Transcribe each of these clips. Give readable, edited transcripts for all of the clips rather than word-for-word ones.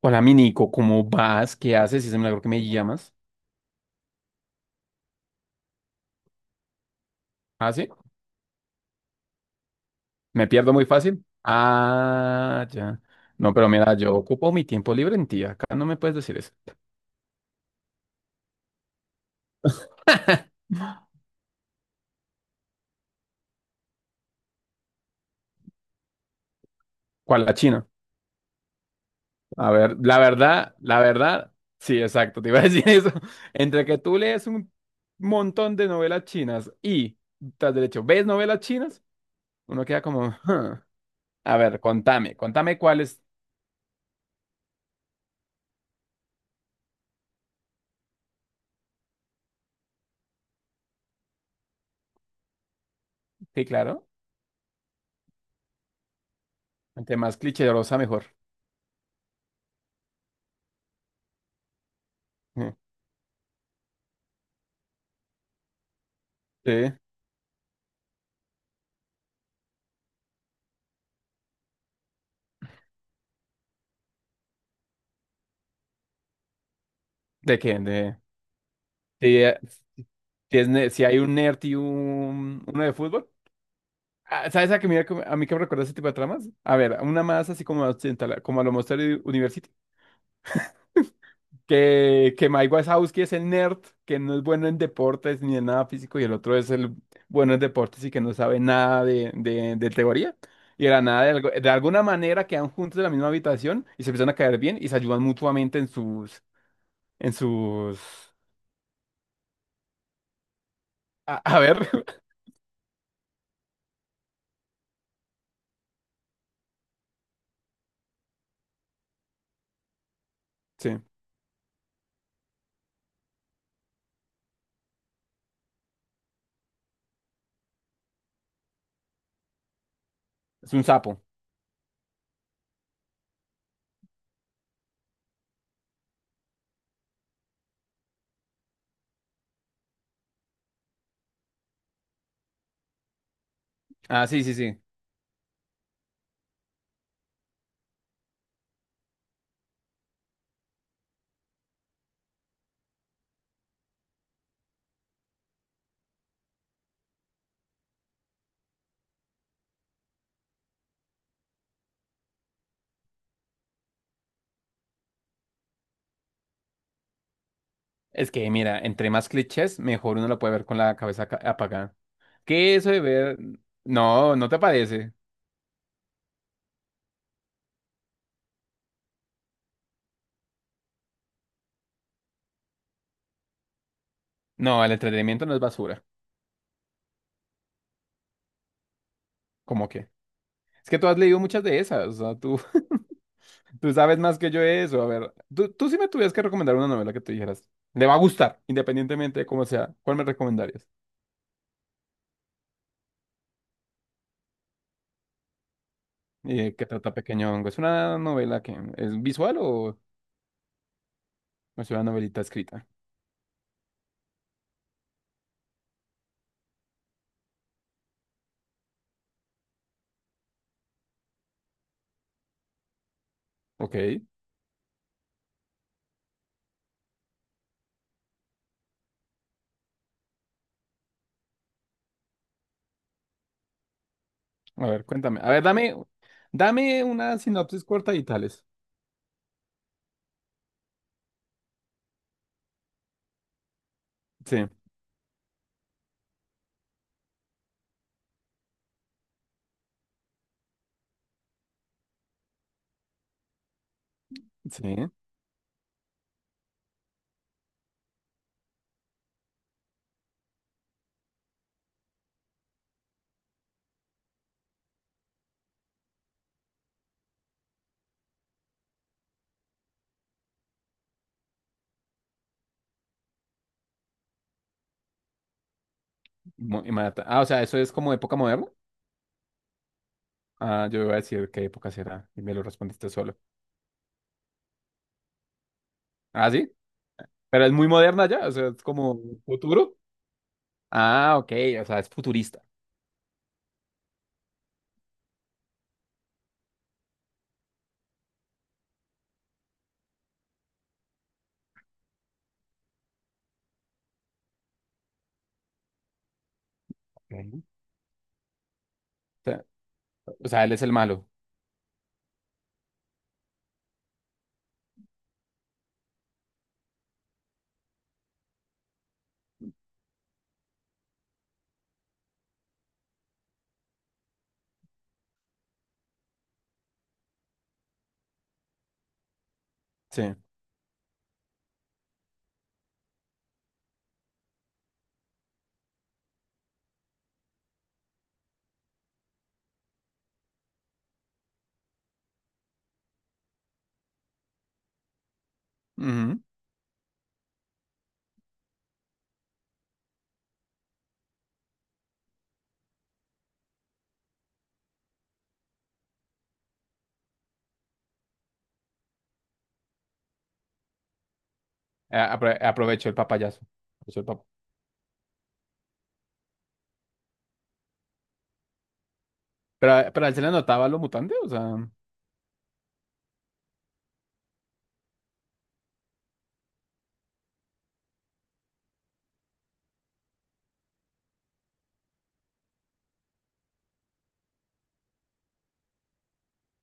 Hola, mi Nico, ¿cómo vas? ¿Qué haces? Es un milagro que me llamas. ¿Ah, sí? ¿Me pierdo muy fácil? Ah, ya. No, pero mira, yo ocupo mi tiempo libre en ti. Acá no me puedes decir eso. ¿Cuál la China? A ver, la verdad, sí, exacto, te iba a decir eso. Entre que tú lees un montón de novelas chinas tras derecho, ¿ves novelas chinas? Uno queda como, "Huh". A ver, contame, cuál es. Sí, claro, entre más cliché mejor. Mm. Sí. ¿De qué? De... Sí, si hay un nerd y uno de fútbol. Ah, ¿sabes que me a mí que me recuerda ese tipo de tramas? A ver, una más así como occidental, como a lo Monster University. Que Mike Wazowski es el nerd, que no es bueno en deportes ni en nada físico, y el otro es el bueno en deportes y que no sabe nada de teoría. Y de la nada, de alguna manera quedan juntos en la misma habitación y se empiezan a caer bien y se ayudan mutuamente en sus, a, a ver, sí, es un sapo. Ah, sí, sí, sí. Es que, mira, entre más clichés, mejor uno lo puede ver con la cabeza apagada. ¿Qué eso de ver? No, no te parece. No, el entretenimiento no es basura. ¿Cómo que? Es que tú has leído muchas de esas. O sea, tú, tú sabes más que yo de eso. A ver, tú, sí me tuvieras que recomendar una novela que tú dijeras. Le va a gustar, independientemente de cómo sea. ¿Cuál me recomendarías? ¿Qué trata Pequeño Hongo? ¿Es una novela que es visual o es una novelita escrita? Ok. A ver, cuéntame. A ver, dame, una sinopsis corta y tales. Sí. Sí, y mata. Ah, o sea, ¿eso es como época moderna? Ah, yo iba a decir qué época será y me lo respondiste solo. Ah, sí, pero es muy moderna ya, o sea, es como futuro. Ah, ok, o sea, es futurista. Ok. O sea, él es el malo. Sí. Ujú. Aprovechó el papayazo. Aprovechó el pap- Pero, a él se le notaba lo mutante, o sea, no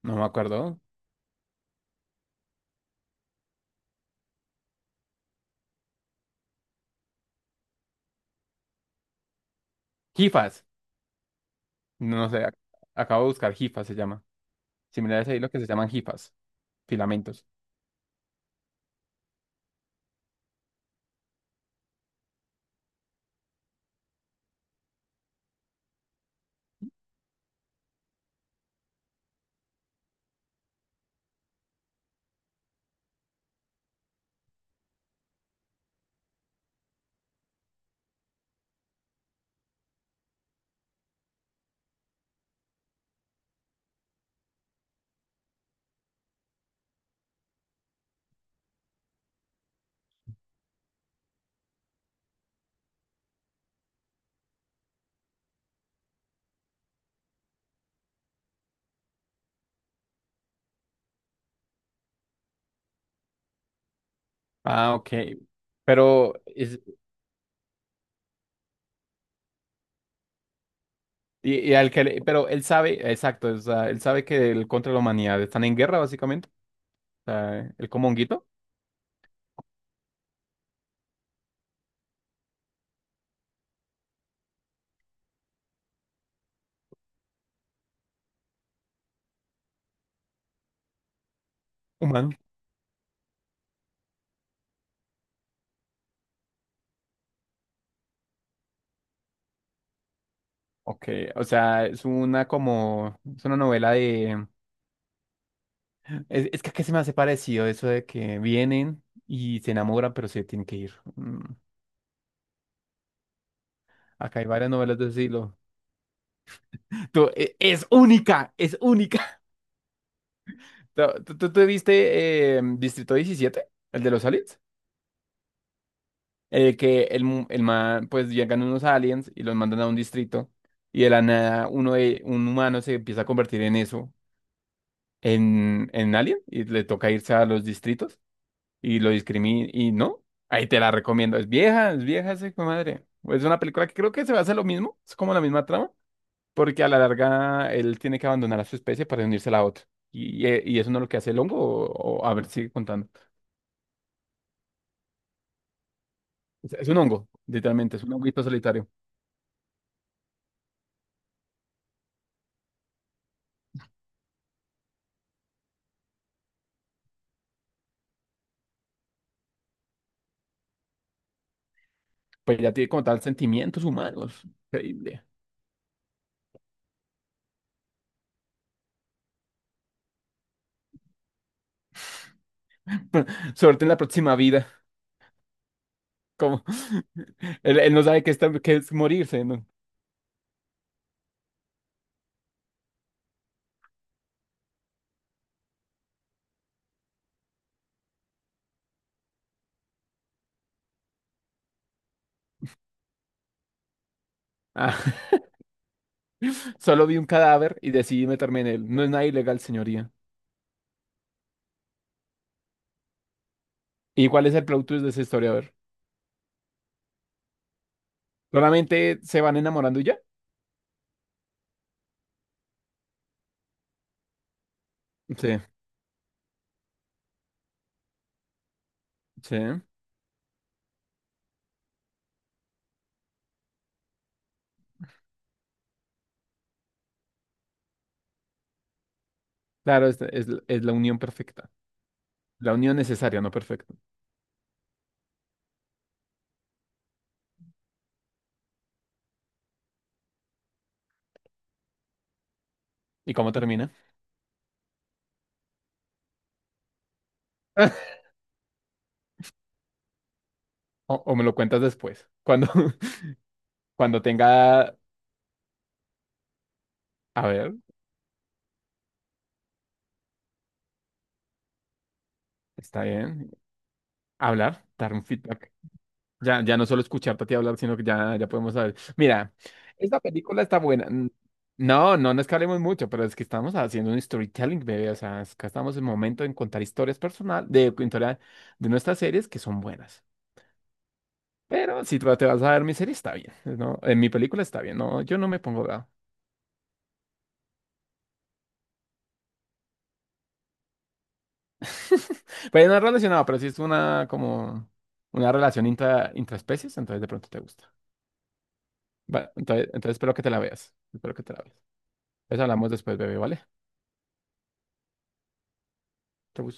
me acuerdo. Jifas, no sé, acabo de buscar jifas se llama. Similares ahí lo que se llaman jifas, filamentos. Ah, ok. Pero y al pero él sabe, exacto, o sea, él sabe que el contra la humanidad están en guerra, básicamente. O sea, el como honguito humano. Ok, o sea, es una como, es una novela de, es que aquí se me hace parecido eso de que vienen y se enamoran, pero se tienen que ir. Mm, acá hay varias novelas de ese estilo. Tú, es única, es única. ¿Tú, tú viste Distrito 17? ¿El de los aliens? El man, pues llegan unos aliens y los mandan a un distrito y de la nada un humano se empieza a convertir en eso, en alien y le toca irse a los distritos y lo discriminan y no, ahí te la recomiendo, es vieja esa hijo de madre. Es una película que creo que se va a hacer lo mismo, es como la misma trama, porque a la larga él tiene que abandonar a su especie para unirse a la otra. Y eso no es lo que hace el hongo, a ver, sigue contando. Es, un hongo, literalmente, es un honguito solitario. Pues ya tiene como tal sentimientos humanos. Increíble. Suerte en la próxima vida. Como él no sabe qué, está, qué es morirse, ¿no? Ah, solo vi un cadáver y decidí meterme en él. No es nada ilegal, señoría. ¿Y cuál es el plot twist de esa historia? A ver. Solamente se van enamorando y ya. Sí, sí. Claro, es la unión perfecta. La unión necesaria, no perfecta. ¿Y cómo termina? O, o me lo cuentas después. Cuando, cuando tenga. A ver, está bien. Hablar, dar un feedback. Ya no solo escucharte a ti hablar, sino que ya podemos saber. Mira, esta película está buena. No es que hablemos mucho, pero es que estamos haciendo un storytelling, bebé. O sea, es que estamos en el momento en contar historias personales, de contar de nuestras series que son buenas. Pero si tú te vas a ver mi serie, está bien. ¿No? En mi película está bien. No, yo no me pongo bravo. Pero no es relacionado, pero sí es una como una relación intraespecies, entonces de pronto te gusta. Bueno, entonces espero que te la veas. Espero que te la veas. Pues hablamos después, bebé, ¿vale? Te gusta.